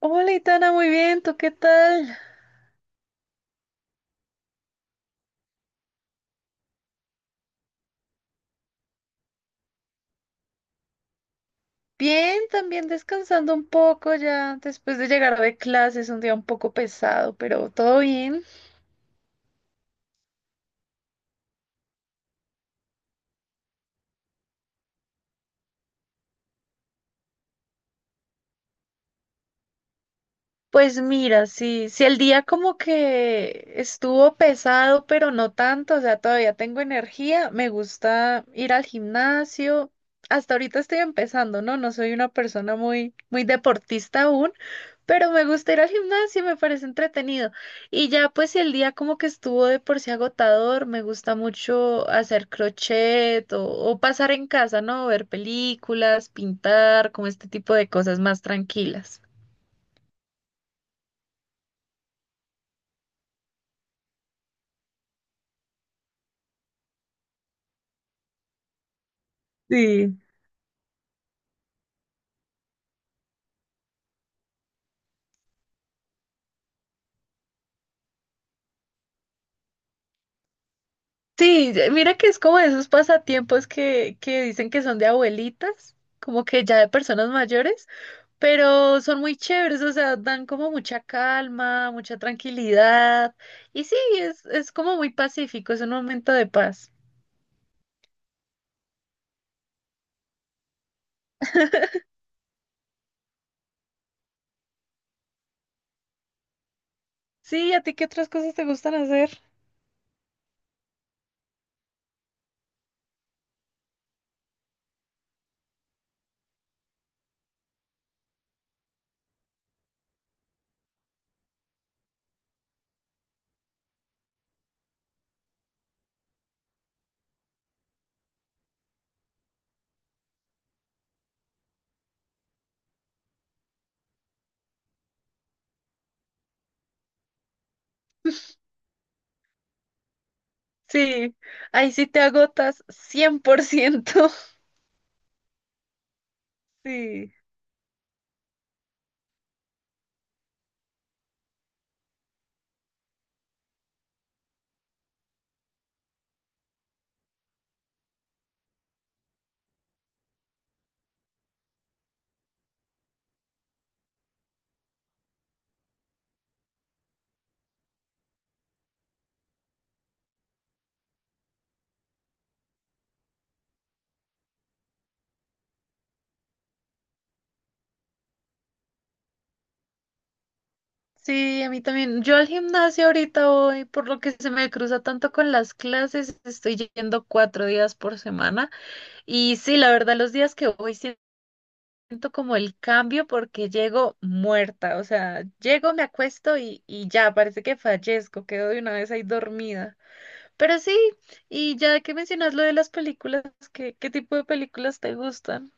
Hola, Itana, muy bien, ¿tú qué tal? Bien, también descansando un poco ya después de llegar de clases, un día un poco pesado, pero todo bien. Pues mira, sí, el día como que estuvo pesado, pero no tanto, o sea, todavía tengo energía, me gusta ir al gimnasio. Hasta ahorita estoy empezando, ¿no? No soy una persona muy deportista aún, pero me gusta ir al gimnasio, me parece entretenido. Y ya pues si el día como que estuvo de por sí agotador, me gusta mucho hacer crochet o pasar en casa, ¿no? Ver películas, pintar, como este tipo de cosas más tranquilas. Sí. Sí, mira que es como de esos pasatiempos que dicen que son de abuelitas, como que ya de personas mayores, pero son muy chéveres, o sea, dan como mucha calma, mucha tranquilidad. Y sí, es como muy pacífico, es un momento de paz. Sí, ¿a ti qué otras cosas te gustan hacer? Sí, ahí sí te agotas 100%. Sí, sí, a mí también. Yo al gimnasio ahorita voy, por lo que se me cruza tanto con las clases, estoy yendo 4 días por semana. Y sí, la verdad, los días que voy siento como el cambio porque llego muerta, o sea, llego, me acuesto y ya, parece que fallezco, quedo de una vez ahí dormida. Pero sí, y ya que mencionas lo de las películas, ¿qué tipo de películas te gustan?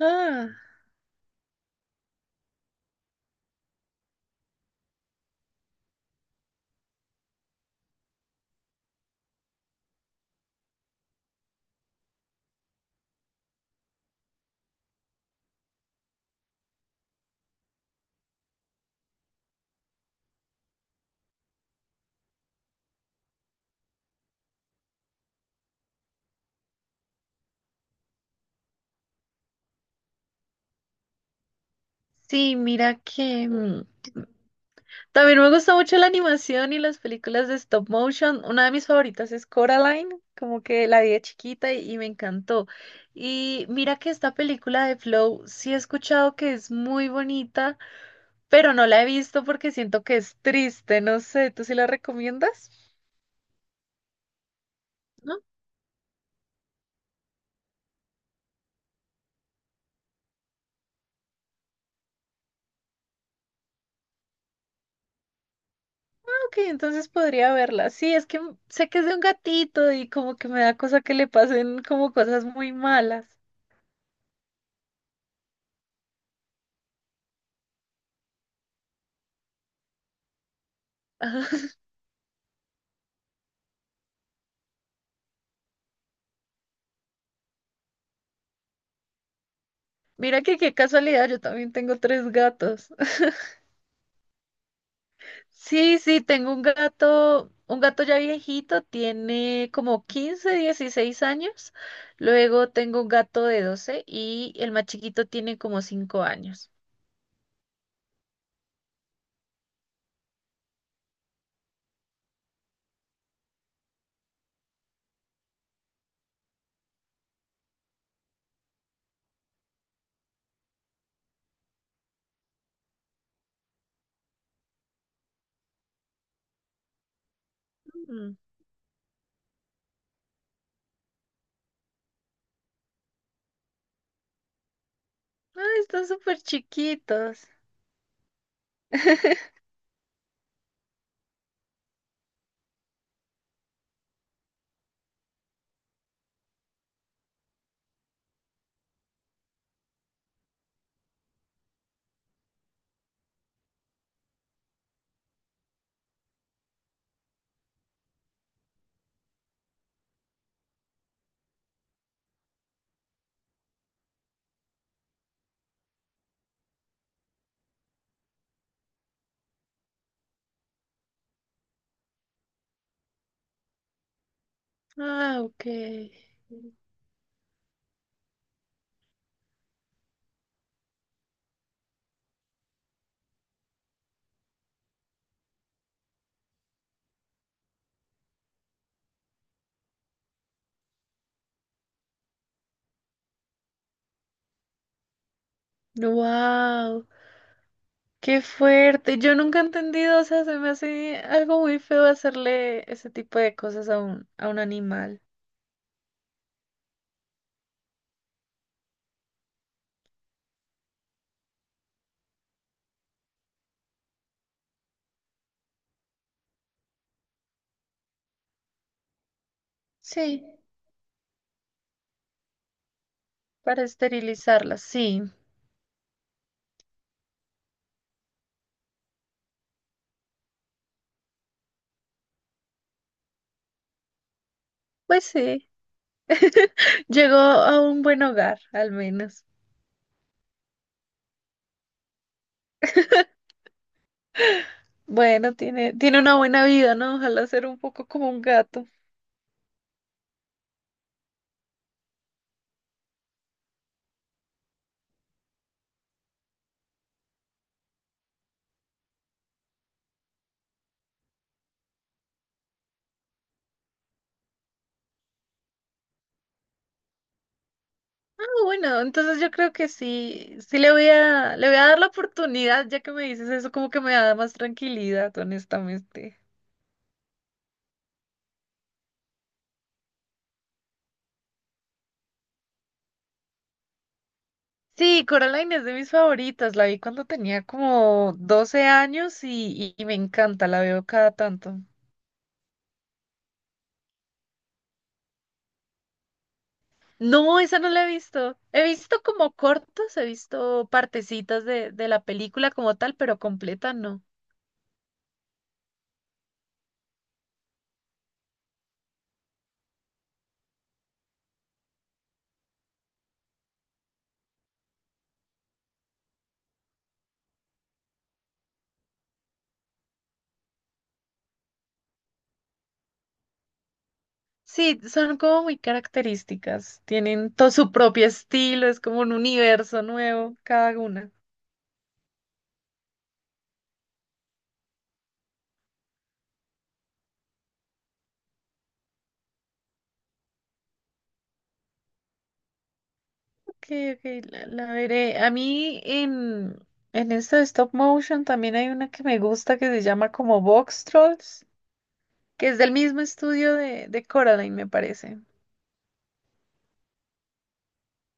Ah, sí, mira que... también me gusta mucho la animación y las películas de stop motion. Una de mis favoritas es Coraline, como que la vi de chiquita y me encantó. Y mira que esta película de Flow sí he escuchado que es muy bonita, pero no la he visto porque siento que es triste. No sé, ¿tú sí la recomiendas? No, ok, entonces podría verla. Sí, es que sé que es de un gatito y como que me da cosa que le pasen como cosas muy malas. Ajá. Mira que qué casualidad, yo también tengo tres gatos. Sí, sí, tengo un gato ya viejito, tiene como 15, 16 años. Luego tengo un gato de 12 y el más chiquito tiene como 5 años. Mm. Ay, están súper chiquitos. Ah, ok. Wow, qué fuerte. Yo nunca he entendido, o sea, se me hace algo muy feo hacerle ese tipo de cosas a un animal. Sí, para esterilizarlas. Sí. Pues sí. Llegó a un buen hogar, al menos. Bueno, tiene una buena vida, ¿no? Ojalá ser un poco como un gato. Ah, bueno, entonces yo creo que sí, sí le voy a dar la oportunidad, ya que me dices eso, como que me da más tranquilidad, honestamente. Sí, Coraline es de mis favoritas, la vi cuando tenía como 12 años y me encanta, la veo cada tanto. No, esa no la he visto. He visto como cortos, he visto partecitas de la película como tal, pero completa no. Sí, son como muy características, tienen todo su propio estilo, es como un universo nuevo cada una. Ok, ok, la veré. En esto de stop motion también hay una que me gusta que se llama como Box Trolls, que es del mismo estudio de Coraline, me parece.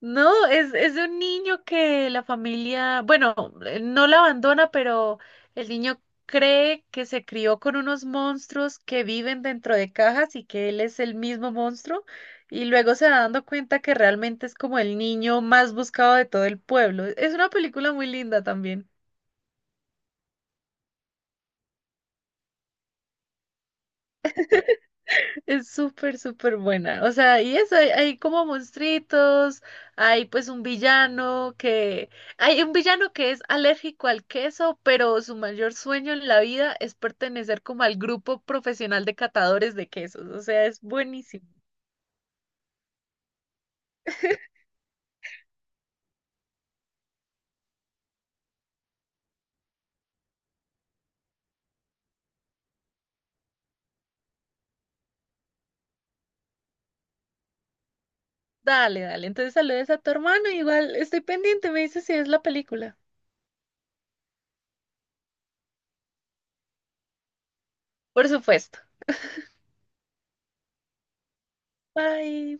No, es de un niño que la familia, bueno, no la abandona, pero el niño cree que se crió con unos monstruos que viven dentro de cajas y que él es el mismo monstruo, y luego se va dando cuenta que realmente es como el niño más buscado de todo el pueblo. Es una película muy linda también. Es súper buena. O sea, y eso, hay como monstruitos, hay pues un villano que... Hay un villano que es alérgico al queso, pero su mayor sueño en la vida es pertenecer como al grupo profesional de catadores de quesos. O sea, es buenísimo. Dale, dale. Entonces saludes a tu hermano, igual estoy pendiente, me dices si es la película. Por supuesto. Bye.